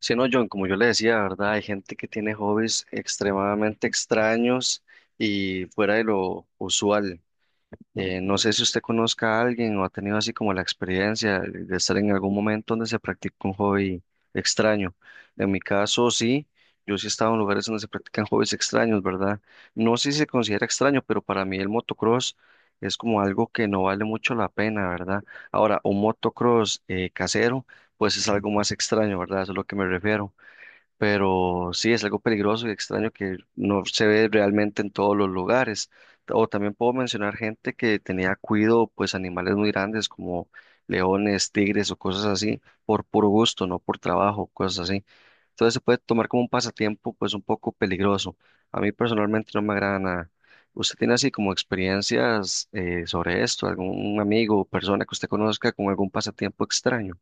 Sí, no, John, como yo le decía, ¿verdad? Hay gente que tiene hobbies extremadamente extraños y fuera de lo usual. No sé si usted conozca a alguien o ha tenido así como la experiencia de estar en algún momento donde se practica un hobby extraño. En mi caso, sí, yo sí he estado en lugares donde se practican hobbies extraños, ¿verdad? No sé si se considera extraño, pero para mí el motocross es como algo que no vale mucho la pena, ¿verdad? Ahora, un motocross casero, pues es algo más extraño, ¿verdad? Eso es a lo que me refiero, pero sí es algo peligroso y extraño que no se ve realmente en todos los lugares. O también puedo mencionar gente que tenía cuido, pues animales muy grandes como leones, tigres o cosas así, por puro gusto, no por trabajo, cosas así. Entonces se puede tomar como un pasatiempo, pues un poco peligroso. A mí personalmente no me agrada nada. ¿Usted tiene así como experiencias sobre esto? ¿Algún amigo o persona que usted conozca con algún pasatiempo extraño?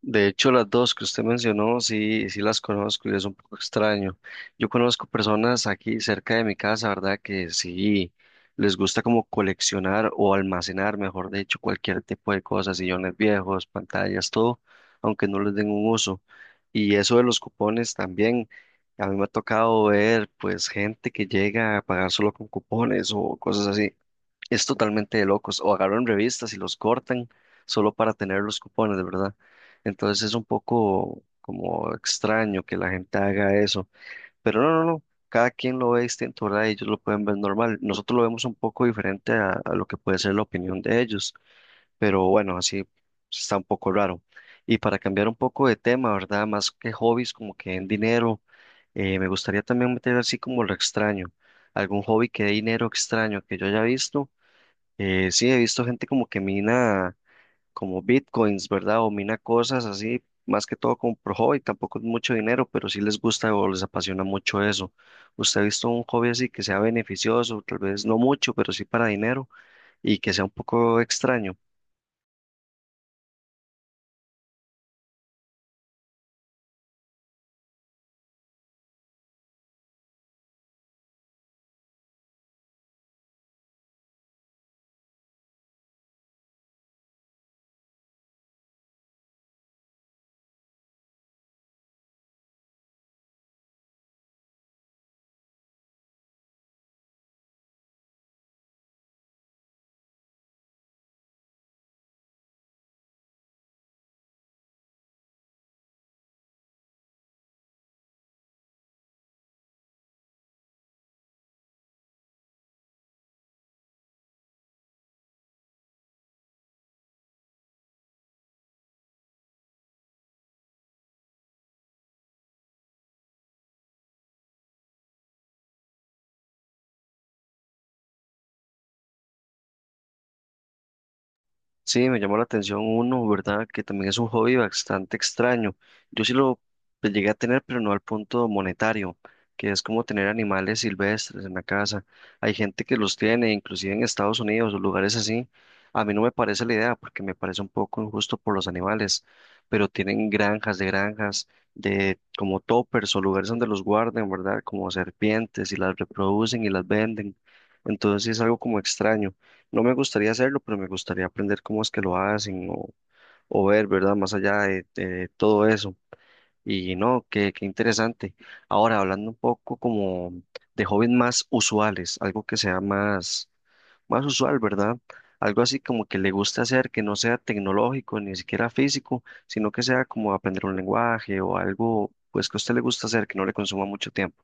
De hecho, las dos que usted mencionó, sí, sí las conozco y es un poco extraño. Yo conozco personas aquí cerca de mi casa, ¿verdad? Que sí les gusta como coleccionar o almacenar, mejor dicho, cualquier tipo de cosas, sillones viejos, pantallas, todo, aunque no les den un uso. Y eso de los cupones también, a mí me ha tocado ver pues gente que llega a pagar solo con cupones o cosas así. Es totalmente de locos. O agarran revistas y los cortan solo para tener los cupones, de verdad. Entonces es un poco como extraño que la gente haga eso. Pero no, no, no. Cada quien lo ve distinto, ¿verdad? Ellos lo pueden ver normal. Nosotros lo vemos un poco diferente a lo que puede ser la opinión de ellos. Pero bueno, así está un poco raro. Y para cambiar un poco de tema, ¿verdad? Más que hobbies, como que en dinero, me gustaría también meter así como lo extraño. Algún hobby que dé dinero extraño que yo haya visto. Sí, he visto gente como que mina como bitcoins, ¿verdad? O mina cosas así, más que todo como por hobby, tampoco es mucho dinero, pero sí les gusta o les apasiona mucho eso. ¿Usted ha visto un hobby así que sea beneficioso, tal vez no mucho, pero sí para dinero y que sea un poco extraño? Sí, me llamó la atención uno, ¿verdad? Que también es un hobby bastante extraño. Yo sí lo, pues, llegué a tener, pero no al punto monetario, que es como tener animales silvestres en la casa. Hay gente que los tiene, inclusive en Estados Unidos o lugares así. A mí no me parece la idea porque me parece un poco injusto por los animales, pero tienen granjas, de como toppers o lugares donde los guardan, ¿verdad? Como serpientes y las reproducen y las venden. Entonces sí es algo como extraño. No me gustaría hacerlo, pero me gustaría aprender cómo es que lo hacen o ver, ¿verdad? Más allá de todo eso. Y no, qué, qué interesante. Ahora, hablando un poco como de hobbies más usuales, algo que sea más, más usual, ¿verdad? Algo así como que le gusta hacer, que no sea tecnológico, ni siquiera físico, sino que sea como aprender un lenguaje o algo, pues que a usted le gusta hacer, que no le consuma mucho tiempo.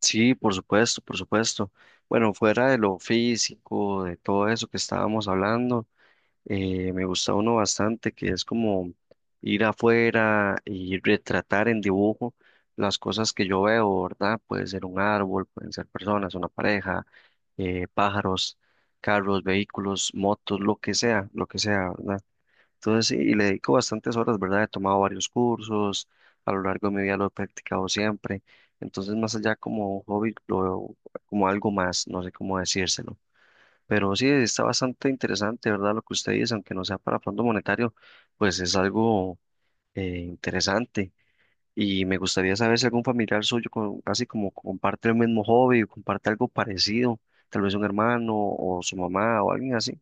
Sí, por supuesto, por supuesto. Bueno, fuera de lo físico, de todo eso que estábamos hablando. Me gusta uno bastante, que es como ir afuera y retratar en dibujo las cosas que yo veo, ¿verdad? Puede ser un árbol, pueden ser personas, una pareja, pájaros, carros, vehículos, motos, lo que sea, ¿verdad? Entonces sí, y le dedico bastantes horas, ¿verdad? He tomado varios cursos, a lo largo de mi vida lo he practicado siempre. Entonces, más allá como un hobby, lo veo como algo más, no sé cómo decírselo. Pero sí, está bastante interesante, ¿verdad? Lo que usted dice, aunque no sea para Fondo Monetario, pues es algo interesante. Y me gustaría saber si algún familiar suyo así como comparte el mismo hobby o comparte algo parecido, tal vez un hermano o su mamá o alguien así.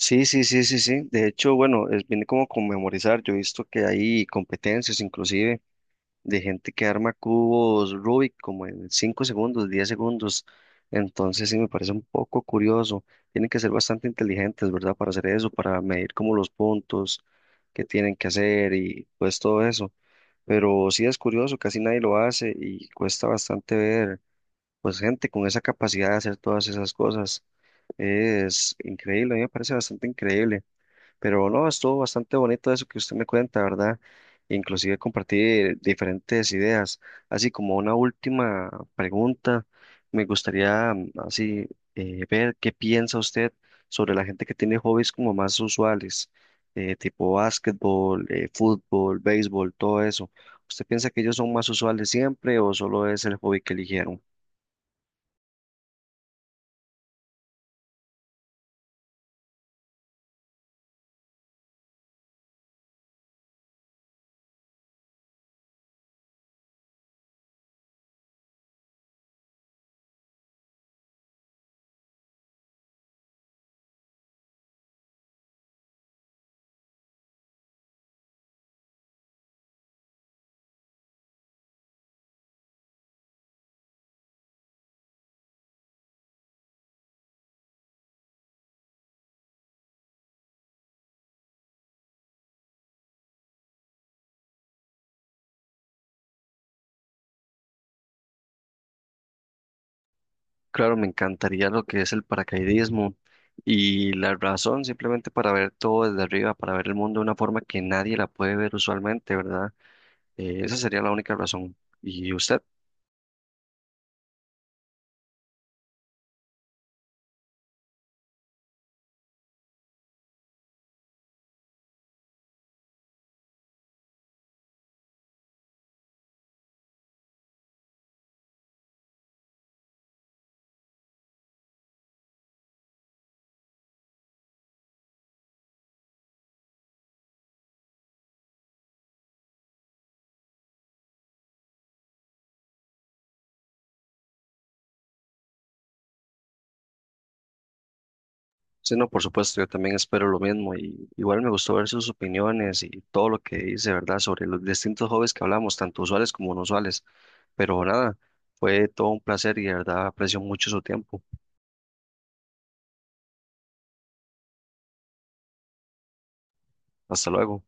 Sí, sí, sí, sí, sí. De hecho, bueno, es, viene como con memorizar. Yo he visto que hay competencias inclusive de gente que arma cubos Rubik como en 5 segundos, 10 segundos. Entonces sí me parece un poco curioso. Tienen que ser bastante inteligentes, ¿verdad? Para hacer eso, para medir como los puntos que tienen que hacer y pues todo eso. Pero sí es curioso, casi nadie lo hace y cuesta bastante ver pues gente con esa capacidad de hacer todas esas cosas. Es increíble, a mí me parece bastante increíble. Pero no, estuvo bastante bonito eso que usted me cuenta, ¿verdad? Inclusive compartí diferentes ideas. Así como una última pregunta, me gustaría así ver qué piensa usted sobre la gente que tiene hobbies como más usuales, tipo básquetbol, fútbol, béisbol, todo eso. ¿Usted piensa que ellos son más usuales siempre o solo es el hobby que eligieron? Claro, me encantaría lo que es el paracaidismo y la razón simplemente para ver todo desde arriba, para ver el mundo de una forma que nadie la puede ver usualmente, ¿verdad? Esa sería la única razón. ¿Y usted? Sí, no, por supuesto, yo también espero lo mismo y igual me gustó ver sus opiniones y todo lo que dice, ¿verdad? Sobre los distintos hobbies que hablamos, tanto usuales como no usuales. Pero nada, fue todo un placer y de verdad aprecio mucho su tiempo. Hasta luego.